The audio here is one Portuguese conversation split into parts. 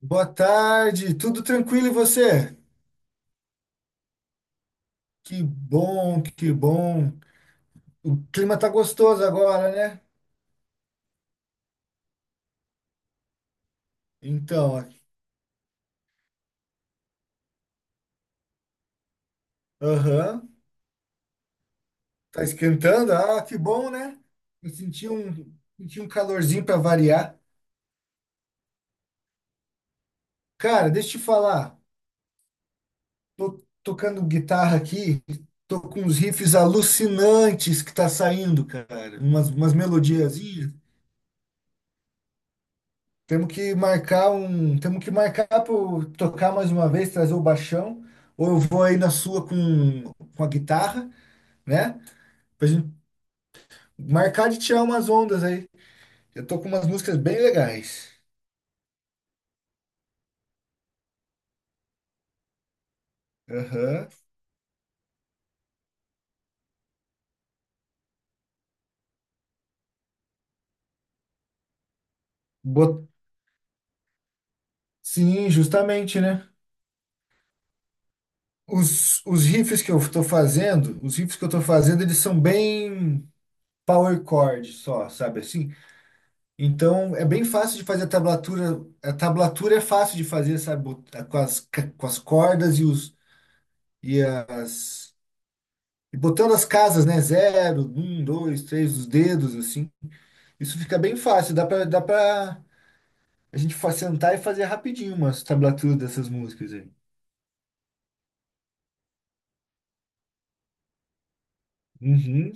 Boa tarde, tudo tranquilo e você? Que bom, que bom. O clima tá gostoso agora, né? Então, aham, tá esquentando? Ah, que bom, né? Eu senti um calorzinho para variar. Cara, deixa eu te falar, tô tocando guitarra aqui, tô com uns riffs alucinantes que tá saindo, cara. Umas melodias. Temos que marcar um. Temos que marcar para tocar mais uma vez, trazer o baixão. Ou eu vou aí na sua com a guitarra, né? Pra gente marcar de tirar umas ondas aí. Eu tô com umas músicas bem legais. Aham. Bot- Sim, justamente, né? Os riffs que eu tô fazendo, eles são bem power chord só, sabe assim? Então é bem fácil de fazer a tablatura. A tablatura é fácil de fazer, sabe? Com as cordas e os e as e botando as casas, né? Zero, um, dois, três, os dedos, assim. Isso fica bem fácil. Dá pra a gente sentar e fazer rapidinho umas tablaturas dessas músicas aí. Uhum.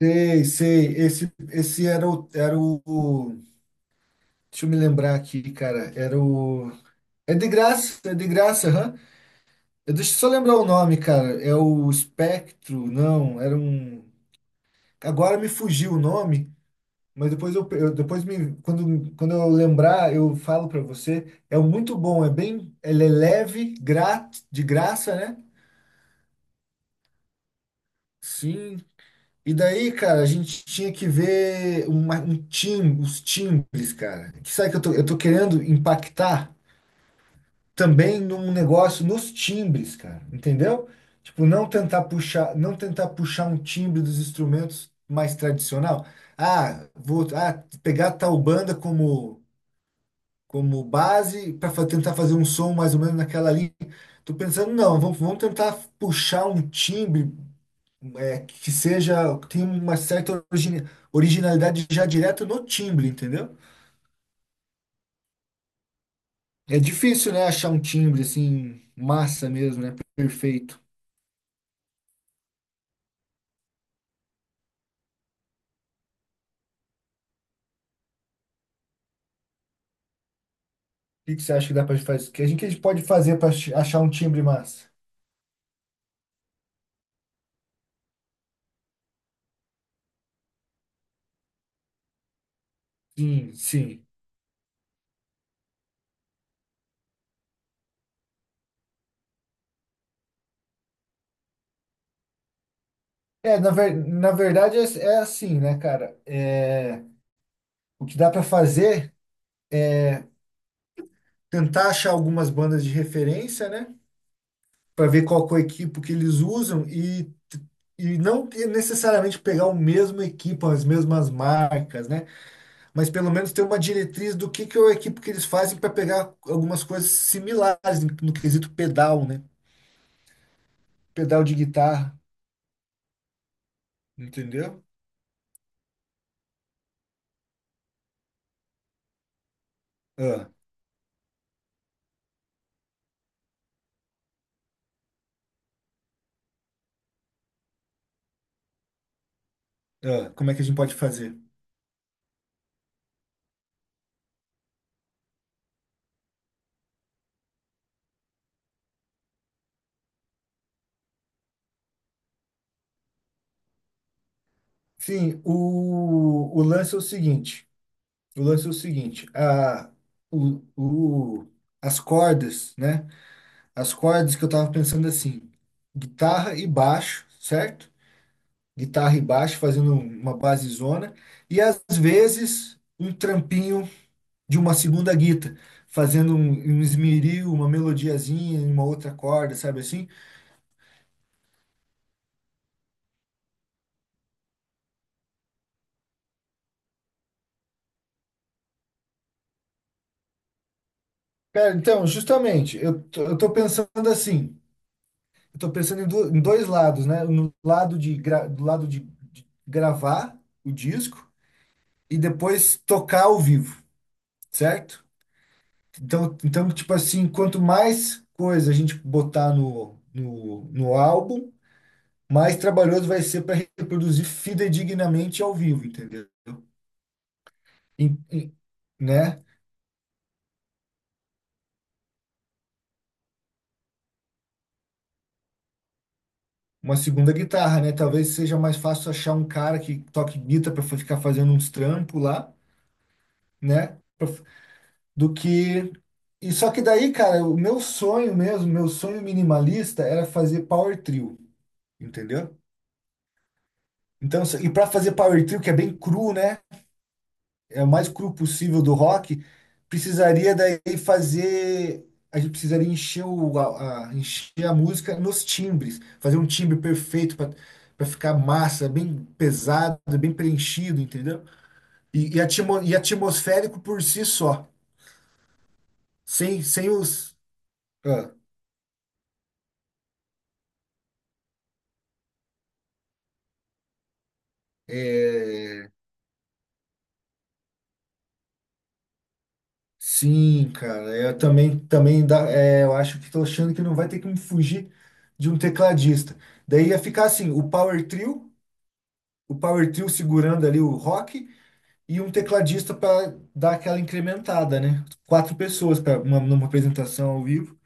Sei, sei. Esse era o. Deixa eu me lembrar aqui, cara. Era o. É de graça, aham. Deixa eu só lembrar o nome, cara. É o Espectro, não, era um. Agora me fugiu o nome, mas depois eu depois me quando eu lembrar, eu falo para você, é muito bom, é bem, ele é leve, grátis, de graça, né? Sim. E daí, cara, a gente tinha que ver os timbres, cara. Que sabe que eu tô querendo impactar também num negócio nos timbres, cara. Entendeu? Tipo, não tentar puxar um timbre dos instrumentos mais tradicional. Ah, vou pegar tal banda como base para tentar fazer um som mais ou menos naquela linha. Tô pensando, não, vamos tentar puxar um timbre que seja, que tenha uma certa originalidade já direto no timbre, entendeu? É difícil, né, achar um timbre assim, massa mesmo, né, perfeito. O que que você acha que dá para fazer? O que a gente pode fazer para achar um timbre massa? Sim, sim. É, na verdade é assim, né, cara? É, o que dá para fazer tentar achar algumas bandas de referência, né? Para ver qual que é o equipo que eles usam e não ter necessariamente pegar o mesmo equipo, as mesmas marcas, né? Mas pelo menos ter uma diretriz do que é o equipo que eles fazem para pegar algumas coisas similares no quesito pedal, né? Pedal de guitarra, entendeu? Ah, ah, como é que a gente pode fazer? Sim, o lance é o seguinte. O lance é o seguinte, o, o, as cordas, né? As cordas que eu tava pensando assim, guitarra e baixo, certo? Guitarra e baixo fazendo uma basezona e às vezes um trampinho de uma segunda guita, fazendo um esmeril, uma melodiazinha em uma outra corda, sabe assim? Cara, então, justamente, eu tô pensando assim, eu tô pensando em dois lados, né? No lado de gra- do lado de gravar o disco e depois tocar ao vivo, certo? Então, tipo assim, quanto mais coisa a gente botar no álbum, mais trabalhoso vai ser para reproduzir fidedignamente ao vivo, entendeu? Em- em- né? Uma segunda guitarra, né? Talvez seja mais fácil achar um cara que toque guitarra para ficar fazendo uns trampos lá, né? Do que. E só que daí, cara, o meu sonho mesmo, meu sonho minimalista era fazer power trio, entendeu? Então, e para fazer power trio, que é bem cru, né? É o mais cru possível do rock, precisaria daí fazer. A gente precisaria encher a música nos timbres, fazer um timbre perfeito para ficar massa, bem pesado, bem preenchido, entendeu? E atmosférico por si só, sem os. ah, é, sim, cara, eu também, também dá, eu acho que estou achando que não vai ter que me fugir de um tecladista. Daí ia ficar assim, o Power Trio segurando ali o rock e um tecladista para dar aquela incrementada, né? Quatro pessoas para uma, numa apresentação ao vivo.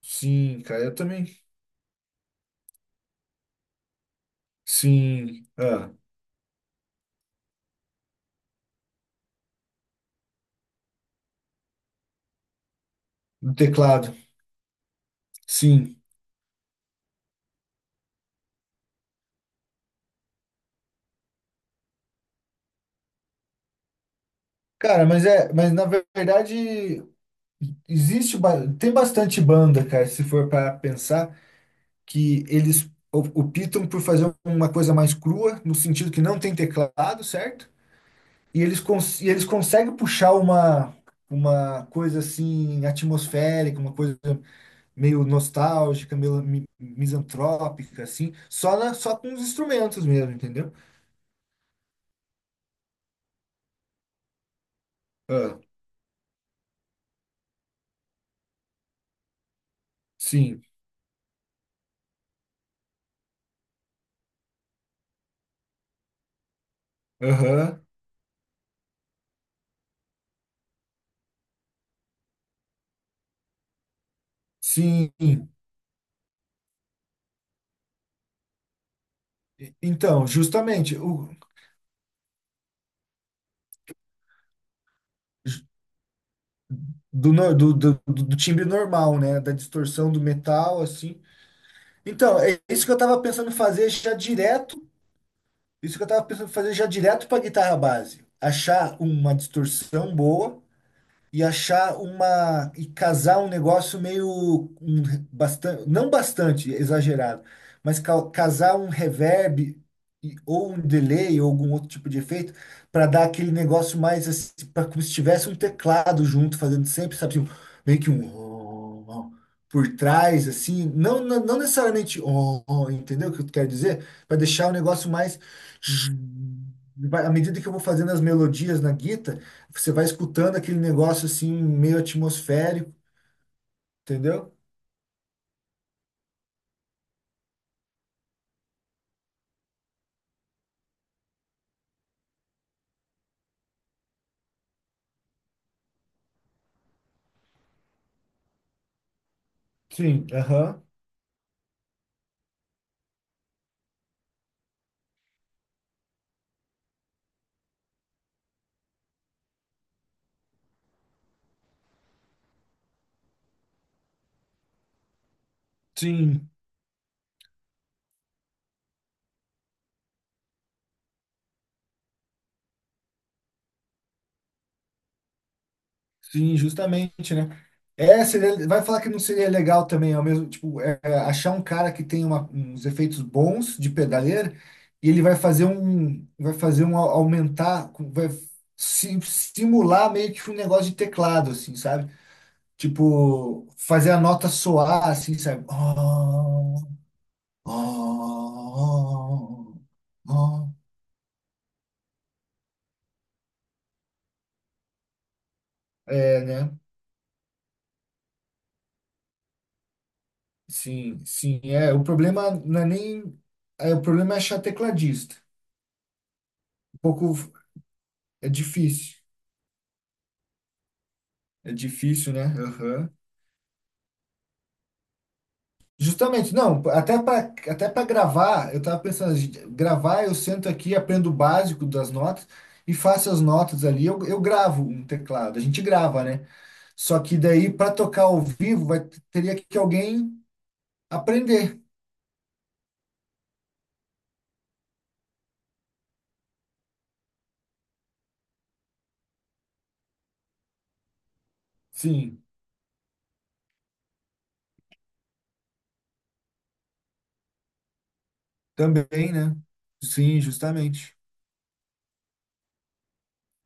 Sim, cara, eu também. Sim, no teclado. Sim. Cara, mas na verdade tem bastante banda, cara, se for para pensar que eles o optam por fazer uma coisa mais crua, no sentido que não tem teclado, certo? E eles conseguem puxar uma coisa assim atmosférica, uma coisa meio nostálgica, meio misantrópica, assim, só com os instrumentos mesmo, entendeu? Ah, sim, aham, sim. Então, justamente, o, ju- do, nor- do, do, do do timbre normal, né? Da distorção do metal, assim. Então, é isso que eu tava pensando em fazer já direto. Isso que eu tava pensando em fazer já direto para guitarra base. Achar uma distorção boa, e achar uma e casar um negócio meio um, bastante, não bastante exagerado, mas casar um reverb ou um delay ou algum outro tipo de efeito para dar aquele negócio mais assim, pra, como se tivesse um teclado junto fazendo sempre, sabe, assim, um, meio que um ó, ó, por trás assim, não não, não necessariamente ó, ó, entendeu o que eu quero dizer? Para deixar o negócio mais à medida que eu vou fazendo as melodias na guita, você vai escutando aquele negócio assim, meio atmosférico, entendeu? Sim, aham. Sim, sim, justamente, né? É, vai falar que não seria legal também, ao mesmo, tipo, achar um cara que tem uma, uns efeitos bons de pedaleira e ele vai fazer um aumentar, vai simular meio que um negócio de teclado, assim, sabe? Tipo, fazer a nota soar, assim, sabe? Oh, oh, oh, oh. É, né? Sim, sim. É, o problema não é nem. É, o problema é achar tecladista. Um pouco. É difícil. É difícil, né? Aham. Justamente, não, até para gravar, eu tava pensando, gente, gravar, eu sento aqui, aprendo o básico das notas e faço as notas ali, eu gravo um teclado, a gente grava, né? Só que daí para tocar ao vivo vai, teria que alguém aprender. Sim, também, né? Sim, justamente.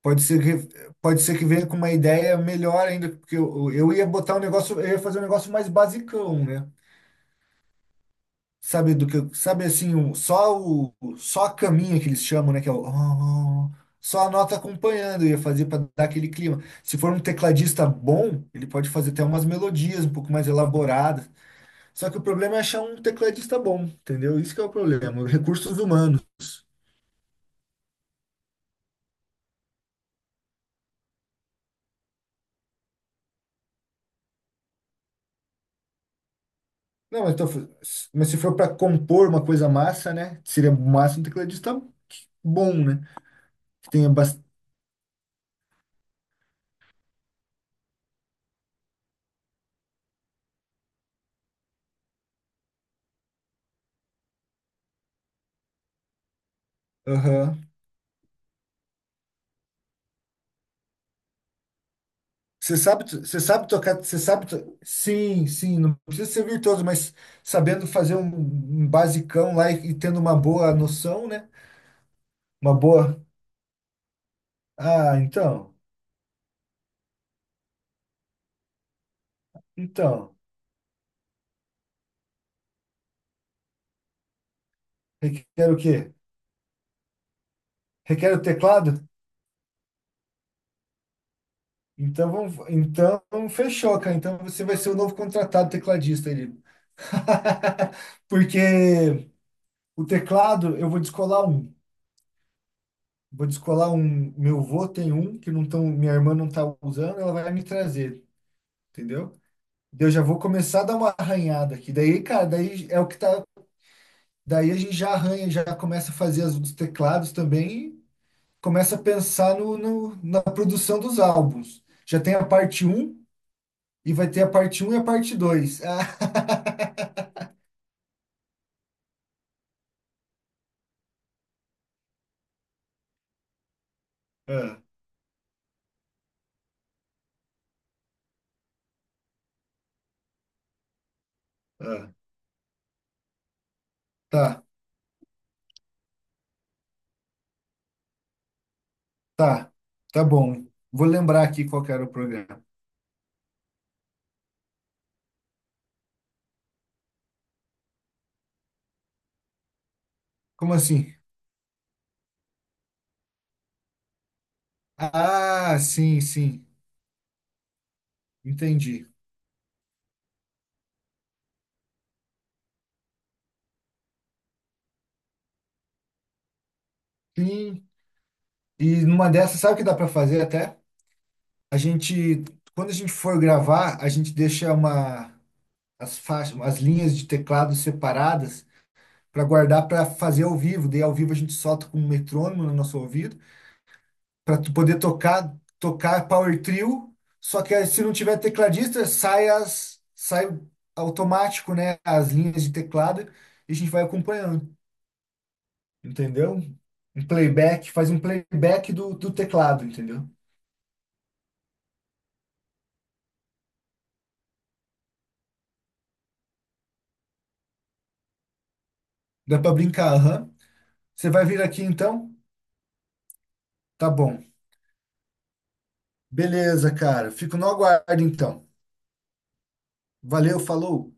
Pode ser que venha com uma ideia melhor ainda, porque eu ia botar um negócio, eu ia fazer um negócio mais basicão, né? Sabe do que, sabe assim, só a caminha que eles chamam, né? Que é o, "Ah", só a nota acompanhando, eu ia fazer para dar aquele clima. Se for um tecladista bom, ele pode fazer até umas melodias um pouco mais elaboradas. Só que o problema é achar um tecladista bom, entendeu? Isso que é o problema, recursos humanos. Não, mas, mas se for para compor uma coisa massa, né? Seria massa um tecladista bom, né? Que tenha bastante. Você sabe tocar, Sim, sim, não precisa ser virtuoso, mas sabendo fazer um basicão lá e tendo uma boa noção, né? Uma boa. Ah, então. Requer o quê? Requer o teclado? Então fechou, cara. Então você vai ser o novo contratado tecladista ali. Porque o teclado, eu vou descolar um. Vou descolar um. Meu avô tem um que não tão, minha irmã não tá usando, ela vai me trazer, entendeu? Daí eu já vou começar a dar uma arranhada aqui. Daí, cara, daí é o que tá. Daí a gente já arranha, já começa a fazer as dos teclados também e começa a pensar no, na produção dos álbuns. Já tem a parte um e vai ter a parte um e a parte dois. Ah, ah, ah. Tá, tá, tá bom. Vou lembrar aqui qual que era o programa. Como assim? Ah, sim, sim. Entendi. Sim. E numa dessas, sabe o que dá para fazer até? A gente, quando a gente for gravar, a gente deixa uma as faixas, as linhas de teclado separadas para guardar para fazer ao vivo. Daí ao vivo a gente solta com um metrônomo no nosso ouvido para tu poder tocar power trio. Só que aí, se não tiver tecladista, sai automático, né, as linhas de teclado e a gente vai acompanhando. Entendeu? Um playback, faz um playback do teclado, entendeu? Dá pra brincar, aham. Você vai vir aqui então? Tá bom. Beleza, cara. Fico no aguardo então. Valeu, falou.